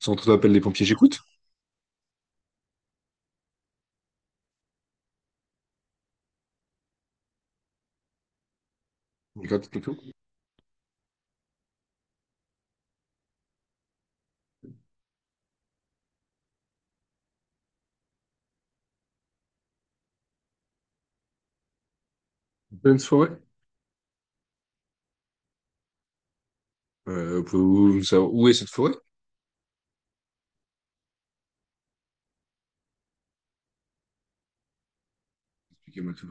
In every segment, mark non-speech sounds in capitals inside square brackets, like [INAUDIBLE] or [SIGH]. Centre d'appel des pompiers, j'écoute. J'écoute plutôt. En Pleine forêt. Pouvez-vous me savoir où est cette forêt? Expliquez-moi tout.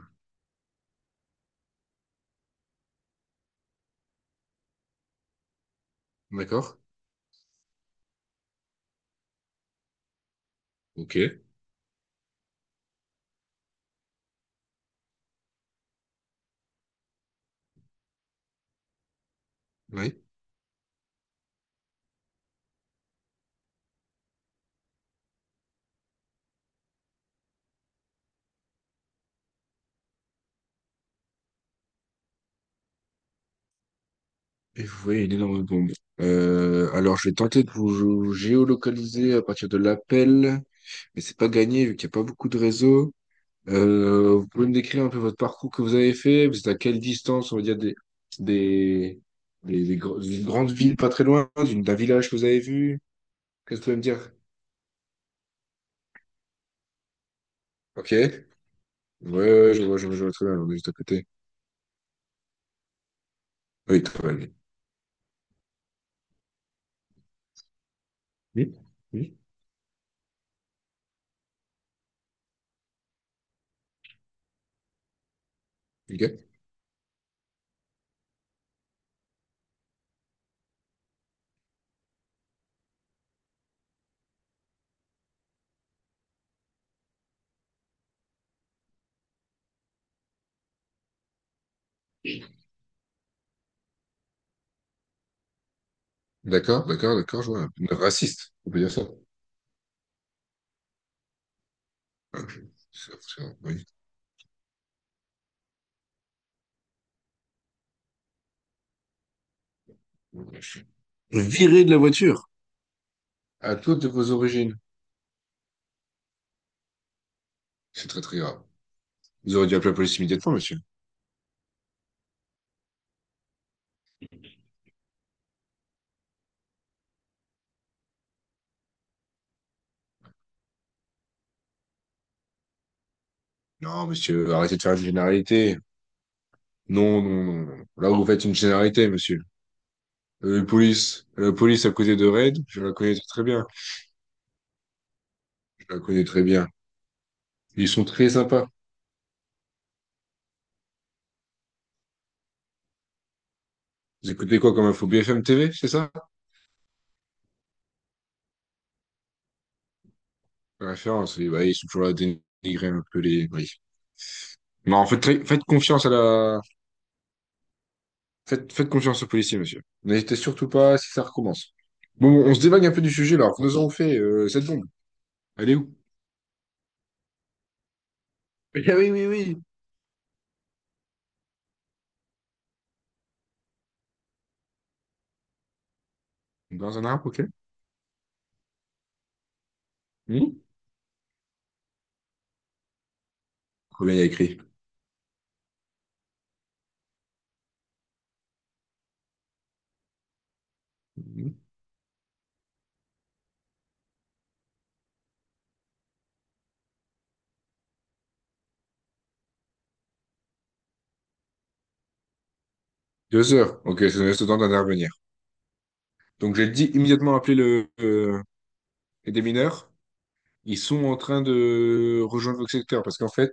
D'accord. Ok. Oui. Et vous voyez une énorme bombe. Alors, je vais tenter de vous géolocaliser à partir de l'appel, mais c'est pas gagné vu qu'il n'y a pas beaucoup de réseaux. Vous pouvez me décrire un peu votre parcours que vous avez fait? Vous êtes à quelle distance, on va dire, des, d'une grande ville pas très loin, d'un village que vous avez vu? Qu'est-ce que vous pouvez me dire? Ok. Ouais, ouais, ouais, je vois, je vois, je vois très bien, on est juste à côté. Oui, travailler. Oui, oui. Ok. D'accord, d'accord, d'accord, je vois. Raciste, on peut dire ça. Ok. C'est impressionnant, oui. Viré de la voiture. À toutes de vos origines. C'est très très grave. Vous auriez dû appeler la police immédiatement, monsieur. Non, monsieur, arrêtez de faire une généralité. Non, non, non, non. Là, vous faites une généralité, monsieur. La police à côté de Raid, je la connais très bien. Je la connais très bien. Ils sont très sympas. Vous écoutez quoi comme info BFM TV, c'est ça? La référence, oui, bah, ils sont toujours là à dénigrer un peu les... Oui. Non, en fait, très- faites confiance à la... Faites, faites confiance aux policiers, monsieur. N'hésitez surtout pas si ça recommence. Bon, bon, on se dévague un peu du sujet, là. Nous avons fait cette bombe. Elle est où? [LAUGHS] Ah oui, oui, oui. Dans un arbre, ok. Hmm. Combien il y a écrit? Hmm. Deux heures. Ok, ça nous laisse le temps d'intervenir. Donc, j'ai dit immédiatement appeler les démineurs. Ils sont en train de rejoindre votre secteur parce qu'en fait,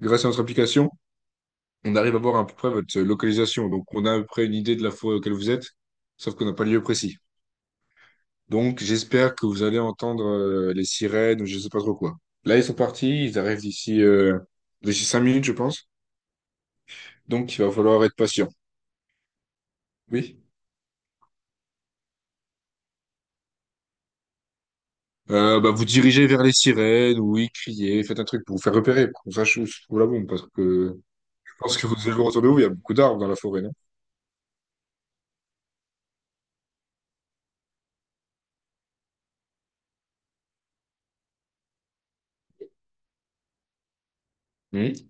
grâce à notre application, on arrive à voir à peu près votre localisation. Donc, on a à peu près une idée de la forêt auquel vous êtes, sauf qu'on n'a pas le lieu précis. Donc, j'espère que vous allez entendre les sirènes ou je sais pas trop quoi. Là, ils sont partis, ils arrivent d'ici cinq minutes, je pense. Donc, il va falloir être patient. Oui. Bah, vous dirigez vers les sirènes, oui, criez, faites un truc pour vous faire repérer, pour qu'on sache où se trouve la bombe, parce que je pense que vous devez vous retourner où il y a beaucoup d'arbres dans la forêt, non? Oui.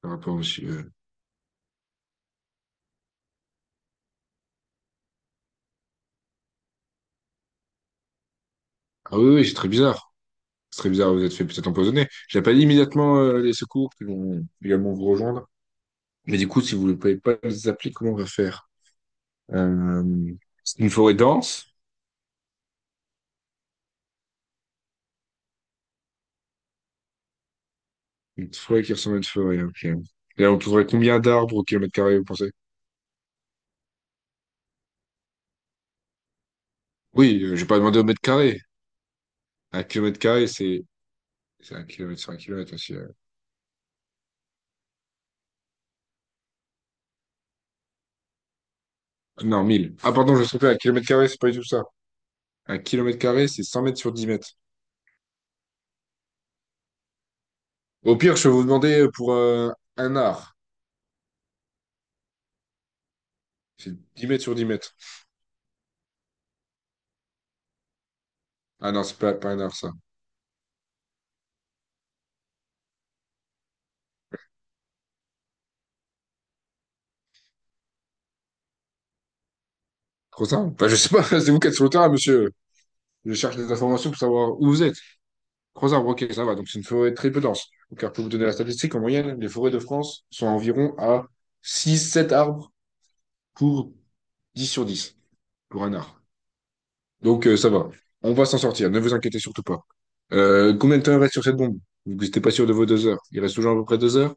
Par rapport au monsieur. Ah oui, oui, c'est très bizarre. C'est très bizarre, vous êtes fait peut-être empoisonner. J'appelle immédiatement les secours qui vont également vous rejoindre. Mais du coup, si vous ne pouvez pas les appeler, comment on va faire? Euh, c'est une forêt dense. Une forêt qui ressemble à une forêt, ok. Et on trouverait combien d'arbres au kilomètre carré, vous pensez? Oui, j'ai pas demandé au mètre carré. Un kilomètre carré, c'est un kilomètre sur un kilomètre aussi. Non, mille. Ah, pardon, je me suis trompé. Un kilomètre carré, c'est pas du tout ça. Un kilomètre carré, c'est 100 mètres sur 10 mètres. Au pire, je vais vous demander pour un art. C'est 10 mètres sur 10 mètres. Ah non, c'est pas, pas un art, ça. Trop simple. Enfin, je sais pas, [LAUGHS] c'est vous qui êtes sur le terrain, monsieur. Je cherche des informations pour savoir où vous êtes. Trois arbres, ok, ça va. Donc, c'est une forêt très peu dense, car pour vous donner la statistique, en moyenne, les forêts de France sont environ à six, sept arbres pour 10 sur 10 pour un arbre. Donc, ça va. On va s'en sortir. Ne vous inquiétez surtout pas. Combien de temps il reste sur cette bombe? Vous n'êtes pas sûr de vos deux heures. Il reste toujours à peu près deux heures?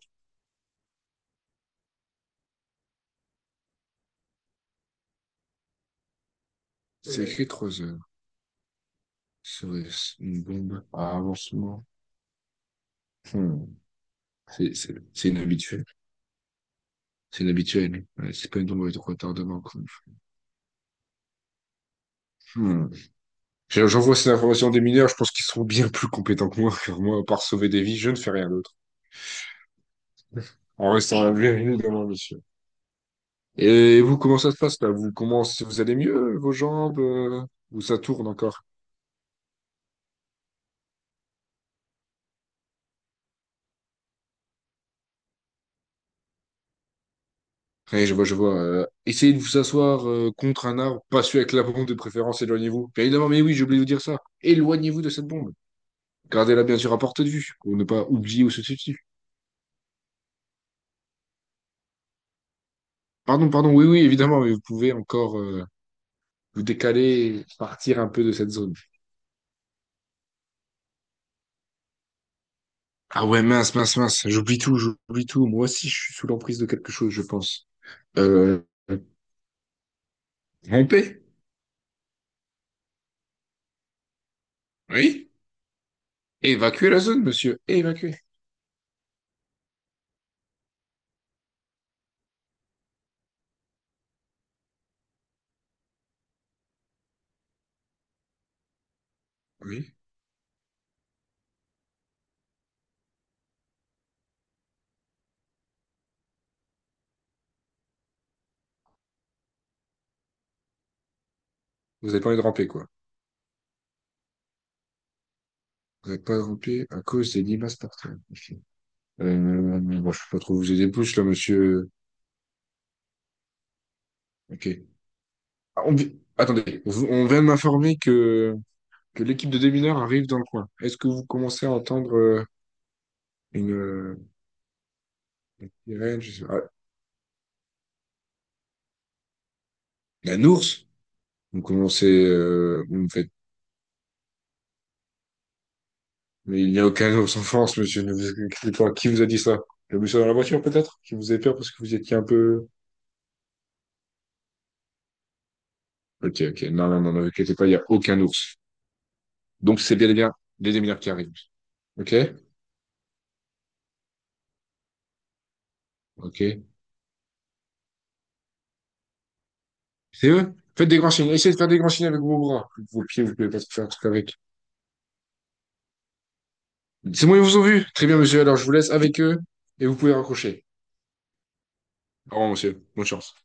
C'est écrit trois heures. Serait-ce une bombe à avancement? Hmm. C'est inhabituel. C'est inhabituel. Ouais, c'est pas une bombe avec de retardement, quoi. Hmm. J'ai- J'envoie ces informations à des mineurs, je pense qu'ils seront bien plus compétents que moi, car moi, à part sauver des vies, je ne fais rien d'autre. En restant un viril dans ma mission. Et vous, comment ça se passe là? Vous, comment, vous allez mieux, vos jambes? Ou ça tourne encore? Ouais, je vois, je vois. Essayez de vous asseoir contre un arbre, pas celui avec la bombe de préférence, éloignez-vous. Bien évidemment, mais oui, j'ai oublié de vous dire ça. Éloignez-vous de cette bombe. Gardez-la bien sûr à portée de vue, pour ne pas oublier où se situe. Pardon, pardon, oui, oui, évidemment, mais vous pouvez encore vous décaler, partir un peu de cette zone. Ah ouais, mince, mince, mince. J'oublie tout, j'oublie tout. Moi aussi, je suis sous l'emprise de quelque chose, je pense. Euh, ramper? Oui. Évacuer la zone, monsieur. Évacuer. Oui. Vous n'avez pas envie de ramper, quoi. Vous n'avez pas rampé à cause des limaces par terre. Ok. Bon, je peux pas trop vous aider plus, là, monsieur. Ok. Ah, on vi- Attendez, vous- on vient de m'informer que l'équipe de démineurs arrive dans le coin. Est-ce que vous commencez à entendre une sirène, je sais pas. Ah, un ours? Vous commencez, vous me faites. Mais il n'y a aucun ours en France, monsieur. Ne vous inquiétez pas. Qui vous a dit ça? Le monsieur dans la voiture, peut-être? Qui vous a fait peur parce que vous étiez un peu... Ok, ok. Non, non, non, ne vous inquiétez pas, il n'y a aucun ours. Donc, c'est bien et bien les démineurs qui arrivent. Ok? Ok. C'est eux? Faites des grands signes. Essayez de faire des grands signes avec vos bras. Vos pieds, vous ne pouvez pas faire un truc avec. C'est bon, ils vous ont vu. Très bien, monsieur. Alors, je vous laisse avec eux et vous pouvez raccrocher. Au revoir, monsieur. Bonne chance.